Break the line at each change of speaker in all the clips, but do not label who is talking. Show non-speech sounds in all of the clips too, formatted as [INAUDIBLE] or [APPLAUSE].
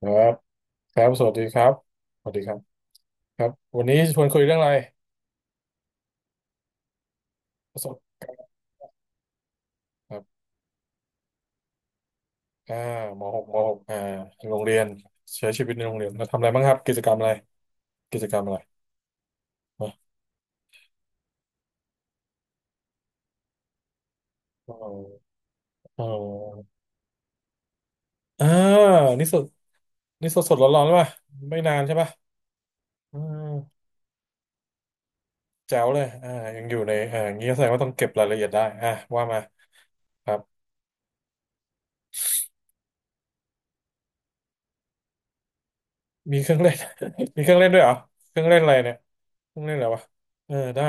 ครับครับสวัสดีครับสวัสดีครับครับวันนี้ชวนคุยเรื่องอะไรประสบการณ์ครับอ่ามหกมหกโรงเรียนใช้ชีวิตในโรงเรียนเราทำอะไรบ้างครับกิจกรรมอะไร กิจกรรมอะไรนะอ๋ออ๋ออ่านี่สดนี่สดสดร้อนร้อนป่ะไม่นานใช่ป่ะอืมแจ๋วเลยยังอยู่ในงี้แสดงว่าต้องเก็บรายละเอียดได้ว่ามาครับมีเครื่องเล่น [LAUGHS] มีเครื่องเล่นด้วยเหรอเครื่องเล่นอะไรเนี่ยเครื่องเล่นอะไรวะเออได้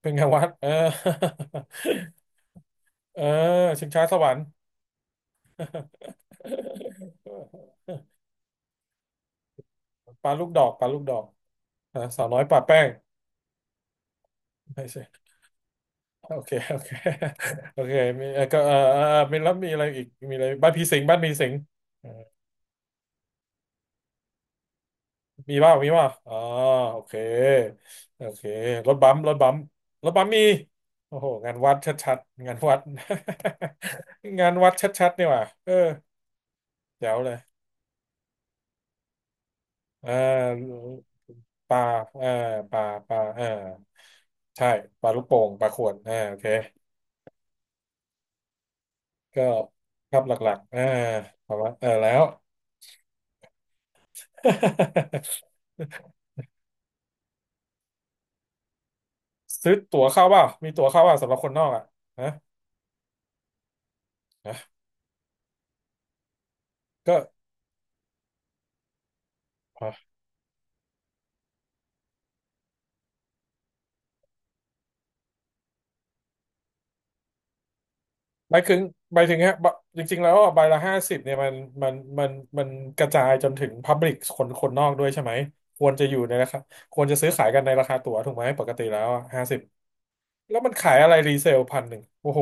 เป็นไงวัดเออ เออชิงช้าสวรรค์ [LAUGHS] ปลาลูกดอกปลาลูกดอกสาวน้อยปลาแป้งไม่ใช่โอเคโอเค [LAUGHS] โอเคมีก็เออเอออมีแล้วมีอะไรอีกมีอะไรบ้านผีสิงบ้านผีสิงเออมีบ้างมีบ้างอ๋อโอเคโอเครถบัมป์รถบัมป์รถบัมป์มีโอ้โหงานวัดชัดๆงานวัด [LAUGHS] งานวัดชัดๆนี่หว่าเออเจ๋วเลยเออป่าเออป่าป่าเออ ใช่ปลาลูกโป่งปลาขวดโอเคก็ครับหลักๆประมาณเออแล้ว [LAUGHS] ซื้อตั๋วเข้าเปล่ามีตั๋วเข้าเปล่าสำหรับคนนอกนะนะก็อ่ะหมายถึงหมายถึงฮะบะจริงๆแล้วใบละห้าสิบเนี่ยมันมันมันกระจายจนถึงพับลิกคนคนนอกด้วยใช่ไหมควรจะอยู่ในราคาควรจะซื้อขายกันในราคาตั๋วถูกไหมปกติแล้วห้าสิบแล้วมันขายอะไรรีเซลพันหนึ่งโอ้โห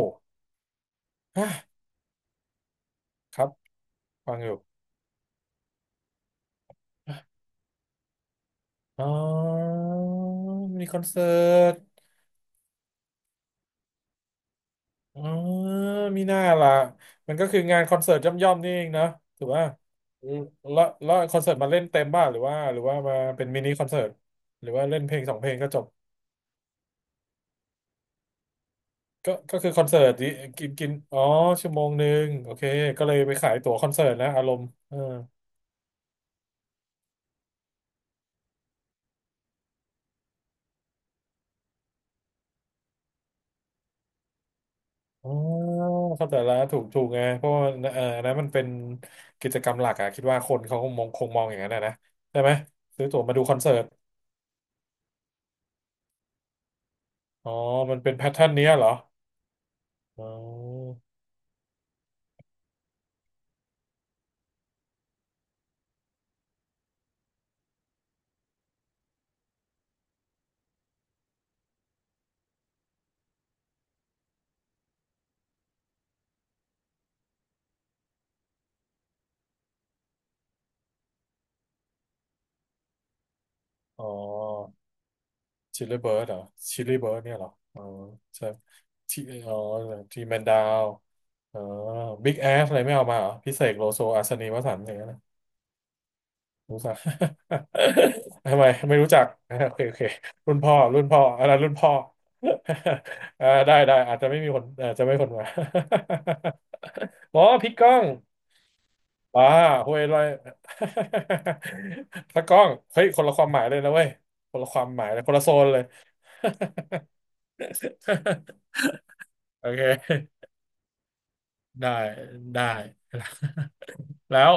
ฮะครับฟังอยู่ อ๋อมีคอนเสิร์ตอ๋อมีหน้าล่ะมันก็คืองานคอนเสิร์ตย่อมๆนี่เองเนอะถูกป่ะอืมแล้วแล้วคอนเสิร์ตมาเล่นเต็มบ้างหรือว่ามาเป็นมินิคอนเสิร์ตหรือว่าเล่นเพลงสองเพลงก็จบก็คือคอนเสิร์ตดิกินกินอ๋อชั่วโมงหนึ่งโอเคก็เลยไปขายตั๋วคอนเสิร์ตนะอารมณ์เอออ๋อเข้าใจละถูกถูกไงเพราะว่าเอออันนั้นมันเป็นกิจกรรมหลักอะคิดว่าคนเขาคงมองคงมองอย่างนั้นอะนะใช่ไหมซื้อตั๋วมาดูคอนเสิร์ต อ๋อมันเป็นแพทเทิร์นเนี้ยเหรออ๋ออ๋อชิลลี่เบิร์ดเหรอ ชิลลี่เบิร์ดเนี่ยเหรออ๋อใช่ที่อ๋อที่แมนดาวอ๋อบิ๊กแอสอะไรไม่เอามาเหรอ พิเศษโลโซอัศนีวสันต์อย่างนั้นนะรู้จัก [LAUGHS] ทำไมไม่รู้จัก [LAUGHS] โอเคโอเค รุ่นพ่อ รุ่นพ่ออันนั้นรุ่นพ่อ [LAUGHS] ได้ได้อาจจะไม่มีคนอาจจะไม่คนมา [LAUGHS] อ๋อพี่ก้อง อ่าห้วยไร่ [LAUGHS] ตะกล้อง เฮ้ยคนละความหมายเลยนะเว้ย คนละความหมายเลย คนละโซนเลย [LAUGHS] โอเค ได้ ได้ แล้ว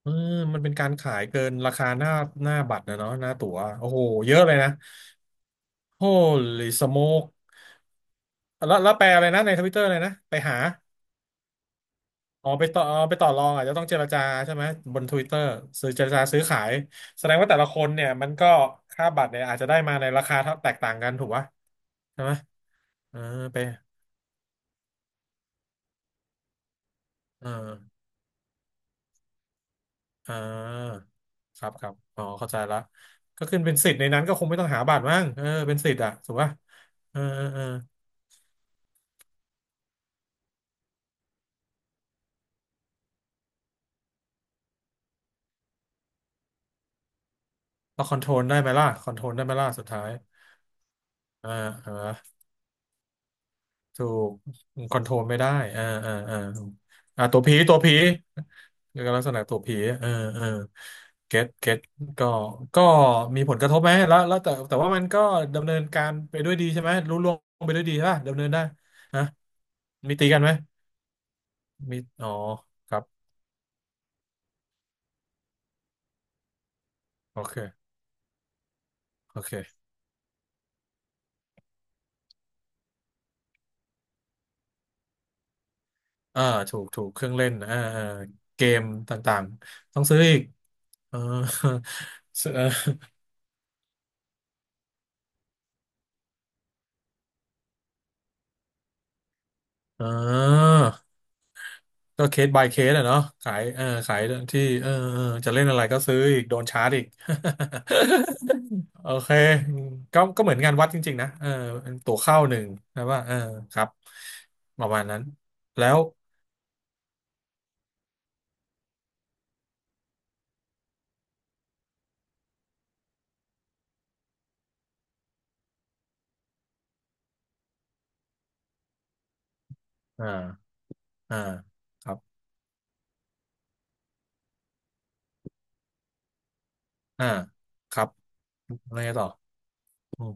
เออมันเป็นการขายเกินราคาหน้าหน้าบัตรนะเนาะหน้าตั๋วโอ้โหเยอะเลยนะ Holy smoke แล้วแล้วแปลอะไรนะในทวิตเตอร์เลยนะไปหา อ๋อไปต่ออ๋อไปต่อรองอาจจะต้องเจรจาใช่ไหมบน Twitter ซื้อเจรจาซื้อขายแสดงว่าแต่ละคนเนี่ยมันก็ค่าบัตรเนี่ยอาจจะได้มาในราคาเท่าแตกต่างกันถูกปะใช่ไหมอ่าไปอ่าอ่าครับครับอ๋อเข้าใจละก็ขึ้นเป็นสิทธิ์ในนั้นก็คงไม่ต้องหาบัตรมั้งเออเป็นสิทธิ์อะถูกปะเออเออเออเราคอนโทรลได้ไหมล่ะคอนโทรลได้ไหมล่ะสุดท้ายอ่เออ ถูกคอนโทรลไม่ได้อ่าอ่าอ่าตัวผี ตัวผีแล้วก็ลักษณะตัวผีเออเออเก็ตเก็ตก็ก็มีผลกระทบไหมแล้วแต่ว่ามันก็ดำเนินการไปด้วยดีใช่ไหมรู้ล่วงไปด้วยดีใช่ป่ะดำเนินได้นะมีตีกันไหมมีอ๋อครับโอเคโอเคอ่าถูกถูกเครื่องเล่นเกมต่างๆต้องซื้ออีกเออ [LAUGHS] เออ ก็เคส by เคสอะเนาะขายเออขายที่เออเออจะเล่นอะไรก็ซื้ออีกโดนชาร์จอีก [LAUGHS] โอเคก็ก็เหมือนงานวัดจริงๆนะเออตั๋วเข้าหนึ่งนะว่าเออครับประมาณนั้นแล้วอ่าอ่าครับอ่าครับอะไรต่ออืม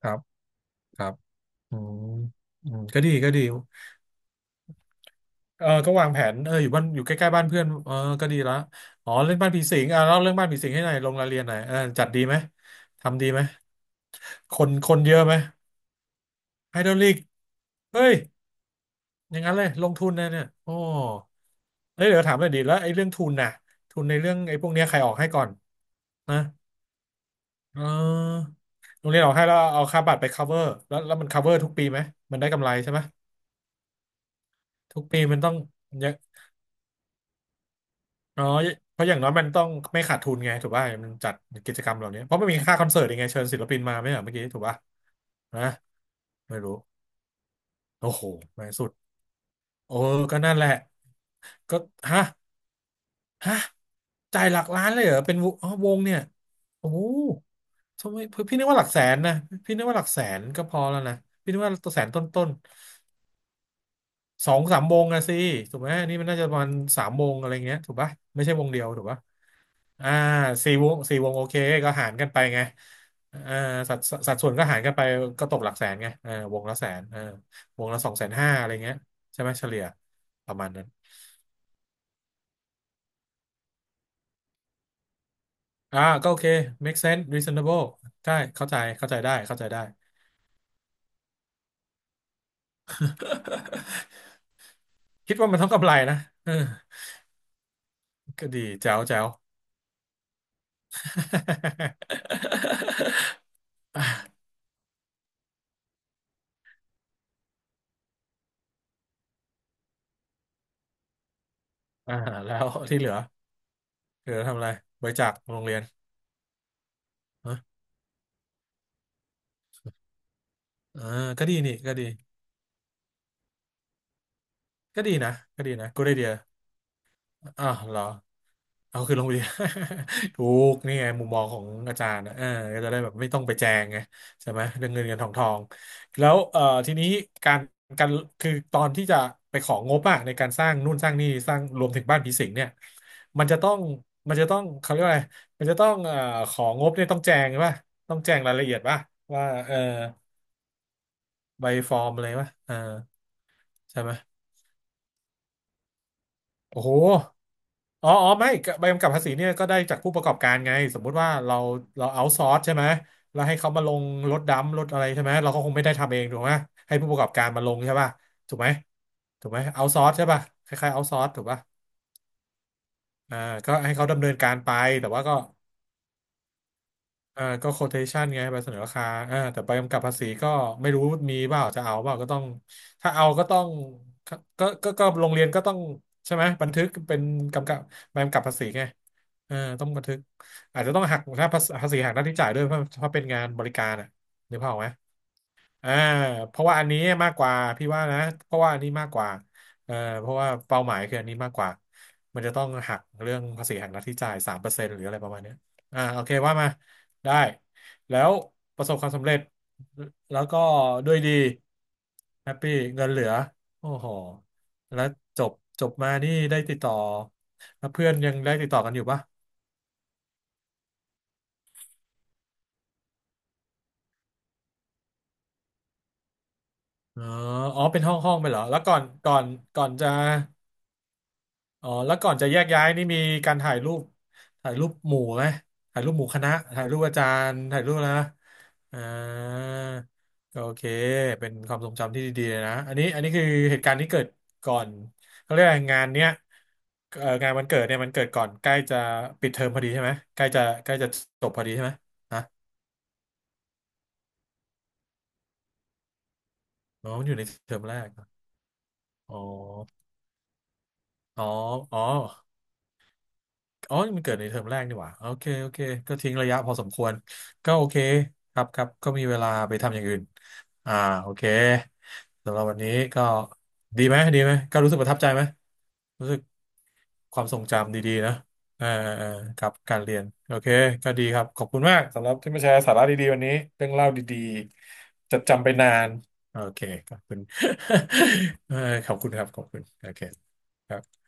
ครับครับอืมอืมก็ดีก็ดีเออก็วางแผนเอออยู่บ้านอยู่ใกล้ๆบ้านเพื่อนเออก็ดีละอ๋อเรื่องบ้านผีสิงเล่าเรื่องบ้านผีสิงให้หน่อยลงรายละเอียดหน่อยเออจัดดีไหมทำดีไหม คนคนเยอะไหมไอดรอลลีกเฮ้ยอย่างนั้นเลยลงทุนนะเนี่ยโอ้เฮ้ยเดี๋ยวถามหน่อยดิแล้วไอ้เรื่องทุนน่ะทุนในเรื่องไอ้พวกเนี้ยใครออกให้ก่อนนะเออโรงเรียนออกให้แล้วเอาค่าบัตรไป cover แล้วมัน cover ทุกปีไหมมันได้กำไรใช่ไหมทุกปีมันต้องเยอะอ๋อเพราะอย่างน้อยมันต้องไม่ขาดทุนไงถูกป่ะมันจัดกิจกรรมเหล่านี้เพราะมันมีค่าคอนเสิร์ตยังไงเชิญศิลปินมาไหมอ่ะเมื่อกี้ถูกป่ะนะไม่รู้โอ้โหแม่งสุดโอ้ก็นั่นแหละก็ฮะ ฮะจ่ายหลักล้านเลยเหรอเป็นวงอ๋อวงเนี่ยโอ้โหทำไมพี่นึกว่าหลักแสนนะพี่นึกว่าหลักแสนก็พอแล้วนะพี่นึกว่าตัวแสนต้นๆสองสามวงอะสิถูกไหมอันนี่มันน่าจะประมาณสามวงอะไรเงี้ยถูกปะไม่ใช่วงเดียวถูกปะอ่าสี่วงสี่วงโอเคก็หารกันไปไงอ่าสัดสัดส่วนก็หารกันไปก็ตกหลักแสนไงเออวงละแสนเออวงละสองแสนห้าอะไรเงี้ยใช่ไหมเฉลี่ยประมาณนั้นอ่าก็โอเค make sense reasonable ได้เข้าใจเข้าใจได้เข้าใจได้ [LAUGHS] คิดว่ามันต้องกำไรนะเออก็ดีแจ๋วแจ๋ว [LAUGHS] อ่าแล้วที่เหลือเหลือทำอะไรบริจาคโรงเรียนฮะอ่าก็ดีนี่ก็ดีก็ดีนะก็ดีนะกูได้เดียอ่าวเหรอ เอาคือลงไปยน [LAUGHS] ถูกนี่ไงมุมมองของอาจารย์นะเออก็จะได้แบบไม่ต้องไปแจงไงใช่ไหมเรื่องเงินเงินทองทองแล้วทีนี้การการคือตอนที่จะไปของงบอะในการสร้างนู่นสร้างนี่สร้างรวมถึงบ้านผีสิงเนี่ยมันจะต้องมันจะต้องเขาเรียกว่าอะไรมันจะต้องของงบเนี่ยต้องแจงป่ะต้องแจงรายละเอียดป่ะว่าเออใบฟอร์มอะไรป่ะเออใช่ไหม โอ้โหอ๋ออ๋อไม่ก็ใบกำกับภาษีเนี่ยก็ได้จากผู้ประกอบการไงสมมุติว่าเราเอาซอร์สใช่ไหมเราให้เขามาลงรถดำรถอะไรใช่ไหมเราก็คงไม่ได้ทำเองถูกไหมให้ผู้ประกอบการมาลงใช่ป่ะถูกไหมถูกไหมเอาซอร์สใช่ป่ะคล้ายๆเอาซอร์สถูกป่ะอ่าก็ให้เขาดำเนินการไปแต่ว่าก็ อ่าก็โค t a t i o n ไงใบเสนอราคาอ่าแต่ใบกำกับภาษีก็ไม่รู้มีเปล่าจะเอาเปล่าก็ต้องถ้าเอาก็ต้องก็โรงเรียนก็ต้องใช่ไหมบันทึกเป็นกำกับใบกำกับภาษีไงเออต้องบันทึกอาจจะต้องหักถ้าภาษีภาษีหักหน้าที่จ่ายด้วยเพราะเป็นงานบริการอ่ะนึกภาพออกไหม อ่าเพราะว่าอันนี้มากกว่าพี่ว่านะเพราะว่าอันนี้มากกว่าเออเพราะว่าเป้าหมายคืออันนี้มากกว่ามันจะต้องหักเรื่องภาษีหักหน้าที่จ่าย3%หรืออะไรประมาณเนี้ยอ่าโอเคว่ามาได้แล้วประสบความสำเร็จแล้วก็ด้วยดีแฮปปี้เงินเหลือโอ้โหแล้วจบจบมานี่ได้ติดต่อแล้วเพื่อนยังได้ติดต่อกันอยู่ปะอ๋ออ๋อเป็นห้องห้องไปเหรอแล้วก่อนก่อนจะ อ๋อแล้วก่อนจะแยกย้ายนี่มีการถ่ายรูปถ่ายรูปหมู่ไหมถ่ายรูปหมู่คณะถ่ายรูปอาจารย์ถ่ายรูปนะอ่าก็โอเคเป็นความทรงจำที่ดีๆเลยนะอันนี้อันนี้คือเหตุการณ์ที่เกิดก่อนเขาเรียกอะไรงานเนี้ยงานวันเกิดเนี่ยมันเกิดก่อนใกล้จะปิดเทอมพอดีใช่ไหมใกล้จะจบพอดีใช่ไหมฮะอ๋อมันอยู่ในเทอมแรกอ๋ออ๋ออ๋อ อ๋อนี่มันเกิดในเทอมแรกนี่หว่าโอเคโอเคก็ทิ้งระยะพอสมควรก็โอเคครับครับก็มีเวลาไปทำอย่างอื่นอ่าโอเคสำหรับวันนี้ก็ดีไหมดีไหมก็รู้สึกประทับใจไหมรู้สึกความทรงจำดีๆนะเออเออครับการเรียนโอเคก็ดีครับขอบคุณมากสำหรับที่มาแชร์สาระดีๆวันนี้เรื่องเล่าดีๆจะจำไปนานโอเคขอบคุณ [LAUGHS] เออขอบคุณครับขอบคุณโอเคครับ